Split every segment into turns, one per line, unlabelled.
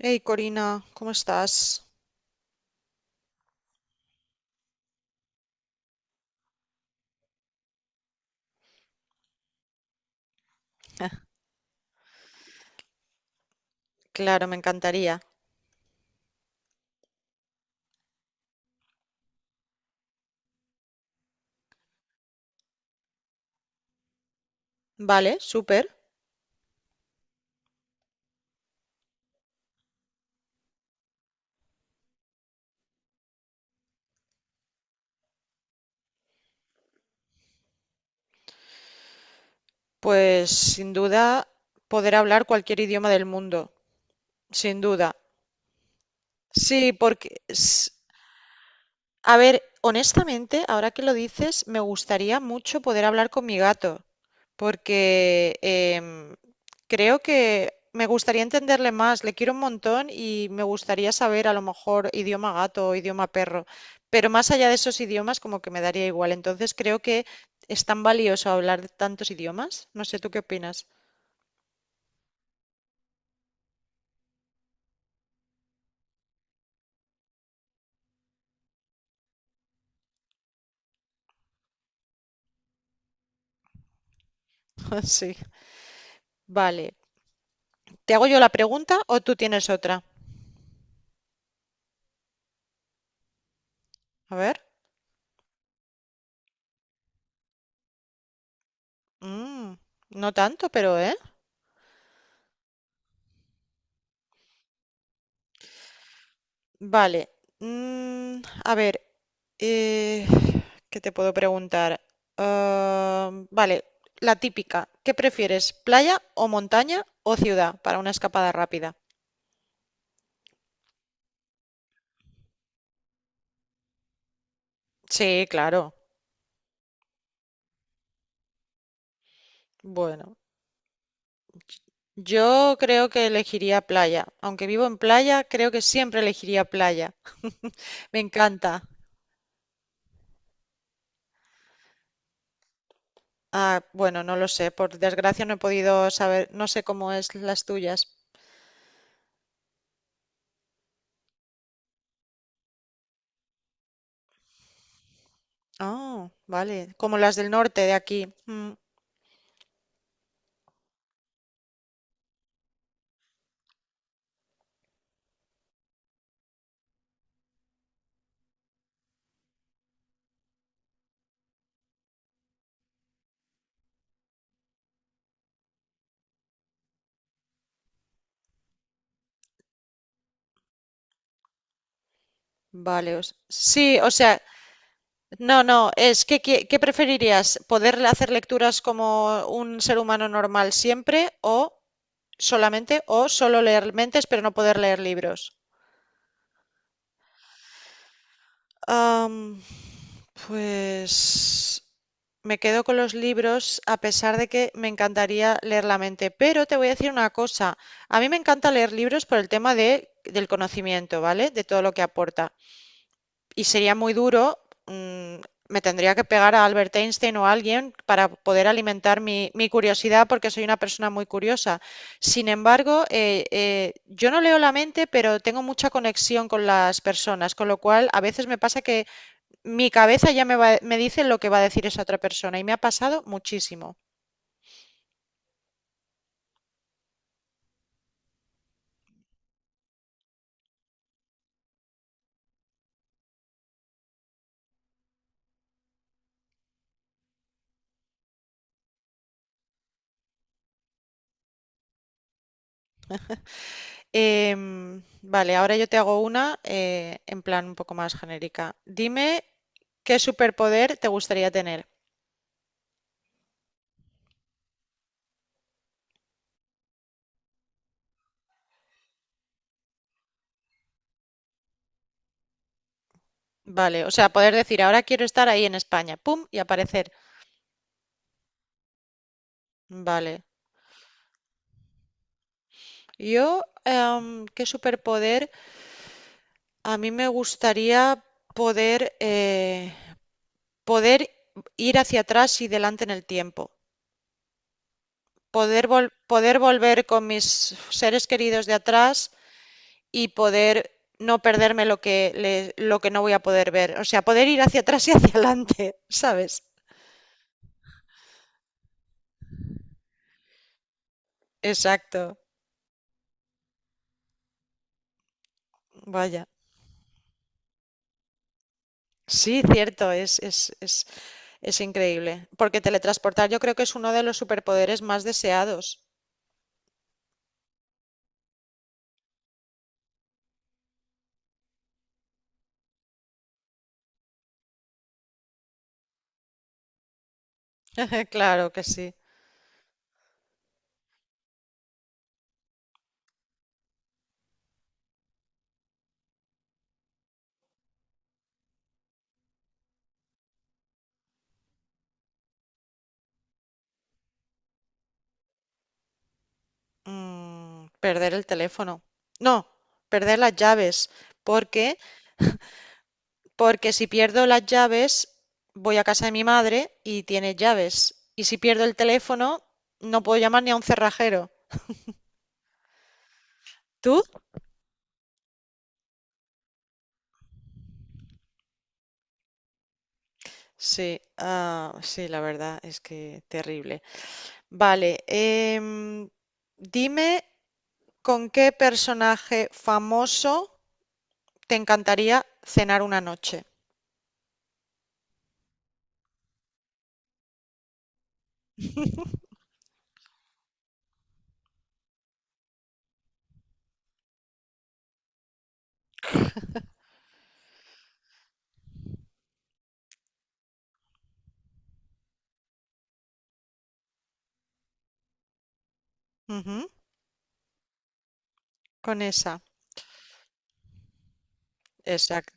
Hey Corina, ¿cómo estás? Claro, me encantaría. Vale, súper. Pues sin duda poder hablar cualquier idioma del mundo, sin duda. Sí, porque a ver, honestamente, ahora que lo dices, me gustaría mucho poder hablar con mi gato, porque creo que me gustaría entenderle más, le quiero un montón y me gustaría saber a lo mejor idioma gato o idioma perro, pero más allá de esos idiomas como que me daría igual, entonces creo que es tan valioso hablar de tantos idiomas, no sé, ¿tú qué opinas? Sí, vale. ¿Te hago yo la pregunta o tú tienes otra? A ver. Mm, no tanto, pero ¿eh? Vale. Mm, a ver, eh, ¿qué te puedo preguntar? Ah, vale, la típica. ¿Qué prefieres, playa o montaña o ciudad para una escapada rápida? Sí, claro. Bueno, yo creo que elegiría playa. Aunque vivo en playa, creo que siempre elegiría playa. Me encanta. Ah, bueno, no lo sé. Por desgracia no he podido saber, no sé cómo es las tuyas. Ah, vale. Como las del norte de aquí. Mm. Vale, sí, o sea, no, no, es que ¿qué preferirías? ¿Poder hacer lecturas como un ser humano normal siempre o solamente o solo leer mentes pero no poder leer libros? Am, pues me quedo con los libros a pesar de que me encantaría leer la mente, pero te voy a decir una cosa, a mí me encanta leer libros por el tema del conocimiento, ¿vale? De todo lo que aporta. Y sería muy duro. mm, Me tendría que pegar a Albert Einstein o a alguien para poder alimentar mi curiosidad porque soy una persona muy curiosa. Sin embargo, yo no leo la mente, pero tengo mucha conexión con las personas, con lo cual a veces me pasa que mi cabeza me dice lo que va a decir esa otra persona y me ha pasado muchísimo. Vale, ahora yo te hago una en plan un poco más genérica. Dime qué superpoder te gustaría tener. Vale, o sea, poder decir, ahora quiero estar ahí en España, pum, y aparecer. Vale. Yo, ¿qué superpoder? A mí me gustaría poder, eh, poder ir hacia atrás y delante en el tiempo. Poder, poder volver con mis seres queridos de atrás y poder no perderme lo que, lo que no voy a poder ver. O sea, poder ir hacia atrás y hacia adelante, ¿sabes? Exacto. Vaya. Sí, cierto, Es increíble, porque teletransportar yo creo que es uno de los superpoderes más deseados. Claro que sí. Perder el teléfono. No, perder las llaves. ¿Por qué? Porque si pierdo las llaves, voy a casa de mi madre y tiene llaves. Y si pierdo el teléfono, no puedo llamar ni a un cerrajero. ¿Tú? Sí, ah, sí, la verdad es que terrible. Vale, dime con qué personaje famoso te encantaría cenar una noche. Ujú. Con esa, exacto.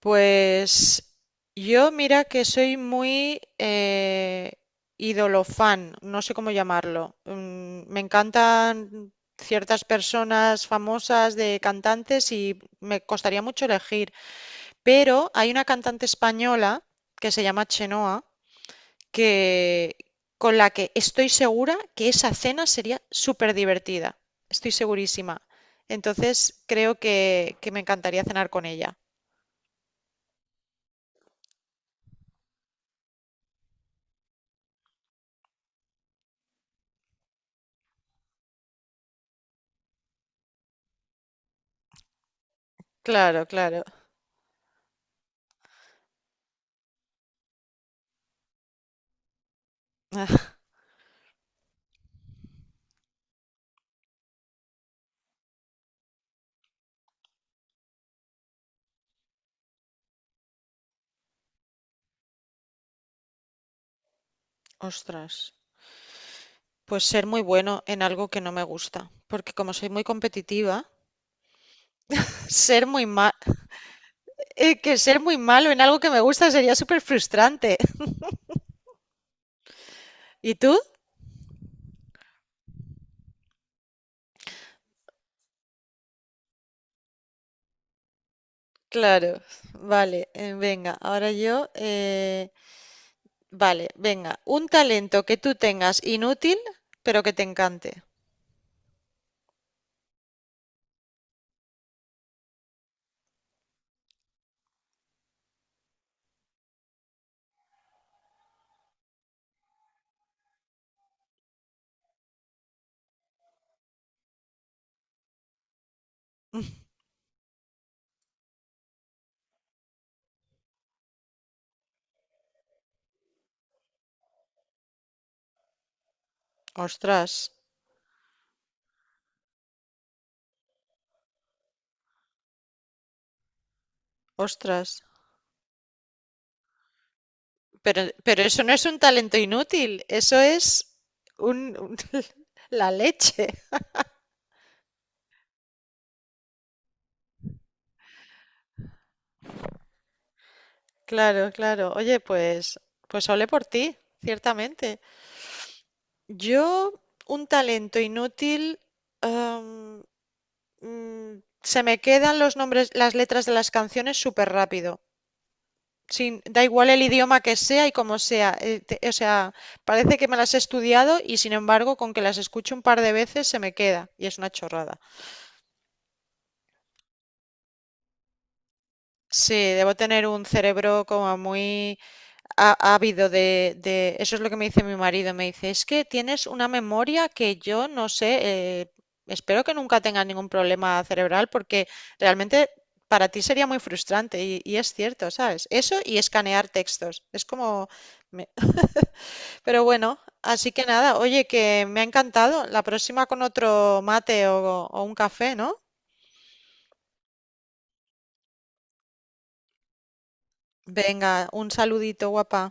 Pues yo mira que soy muy idolofan, no sé cómo llamarlo. Me encantan ciertas personas famosas de cantantes y me costaría mucho elegir, pero hay una cantante española que se llama Chenoa que con la que estoy segura que esa cena sería súper divertida. Estoy segurísima. Entonces creo que me encantaría cenar con ella. Claro, claro. Ah, ostras. Pues ser muy bueno en algo que no me gusta. Porque como soy muy competitiva, ser muy mal, que ser muy malo en algo que me gusta sería súper frustrante. ¿Y tú? Claro, vale, venga, ahora yo. Vale, venga. Un talento que tú tengas inútil, pero que te encante. Ostras, ostras. Pero eso no es un talento inútil, eso es un, un- la leche. Claro, claro. Oye, pues ole por ti, ciertamente. Yo, un talento inútil, am, se me quedan los nombres, las letras de las canciones súper rápido. Da igual el idioma que sea y como sea. O sea, parece que me las he estudiado y sin embargo, con que las escuche un par de veces se me queda y es una chorrada. Sí, debo tener un cerebro como muy ávido. Eso es lo que me dice mi marido. Me dice, es que tienes una memoria que yo no sé, eh, espero que nunca tengas ningún problema cerebral porque realmente para ti sería muy frustrante y es cierto, ¿sabes? Eso y escanear textos. Es como. Me, Pero bueno, así que nada, oye, que me ha encantado. La próxima con otro mate o un café, ¿no? Venga, un saludito, guapa.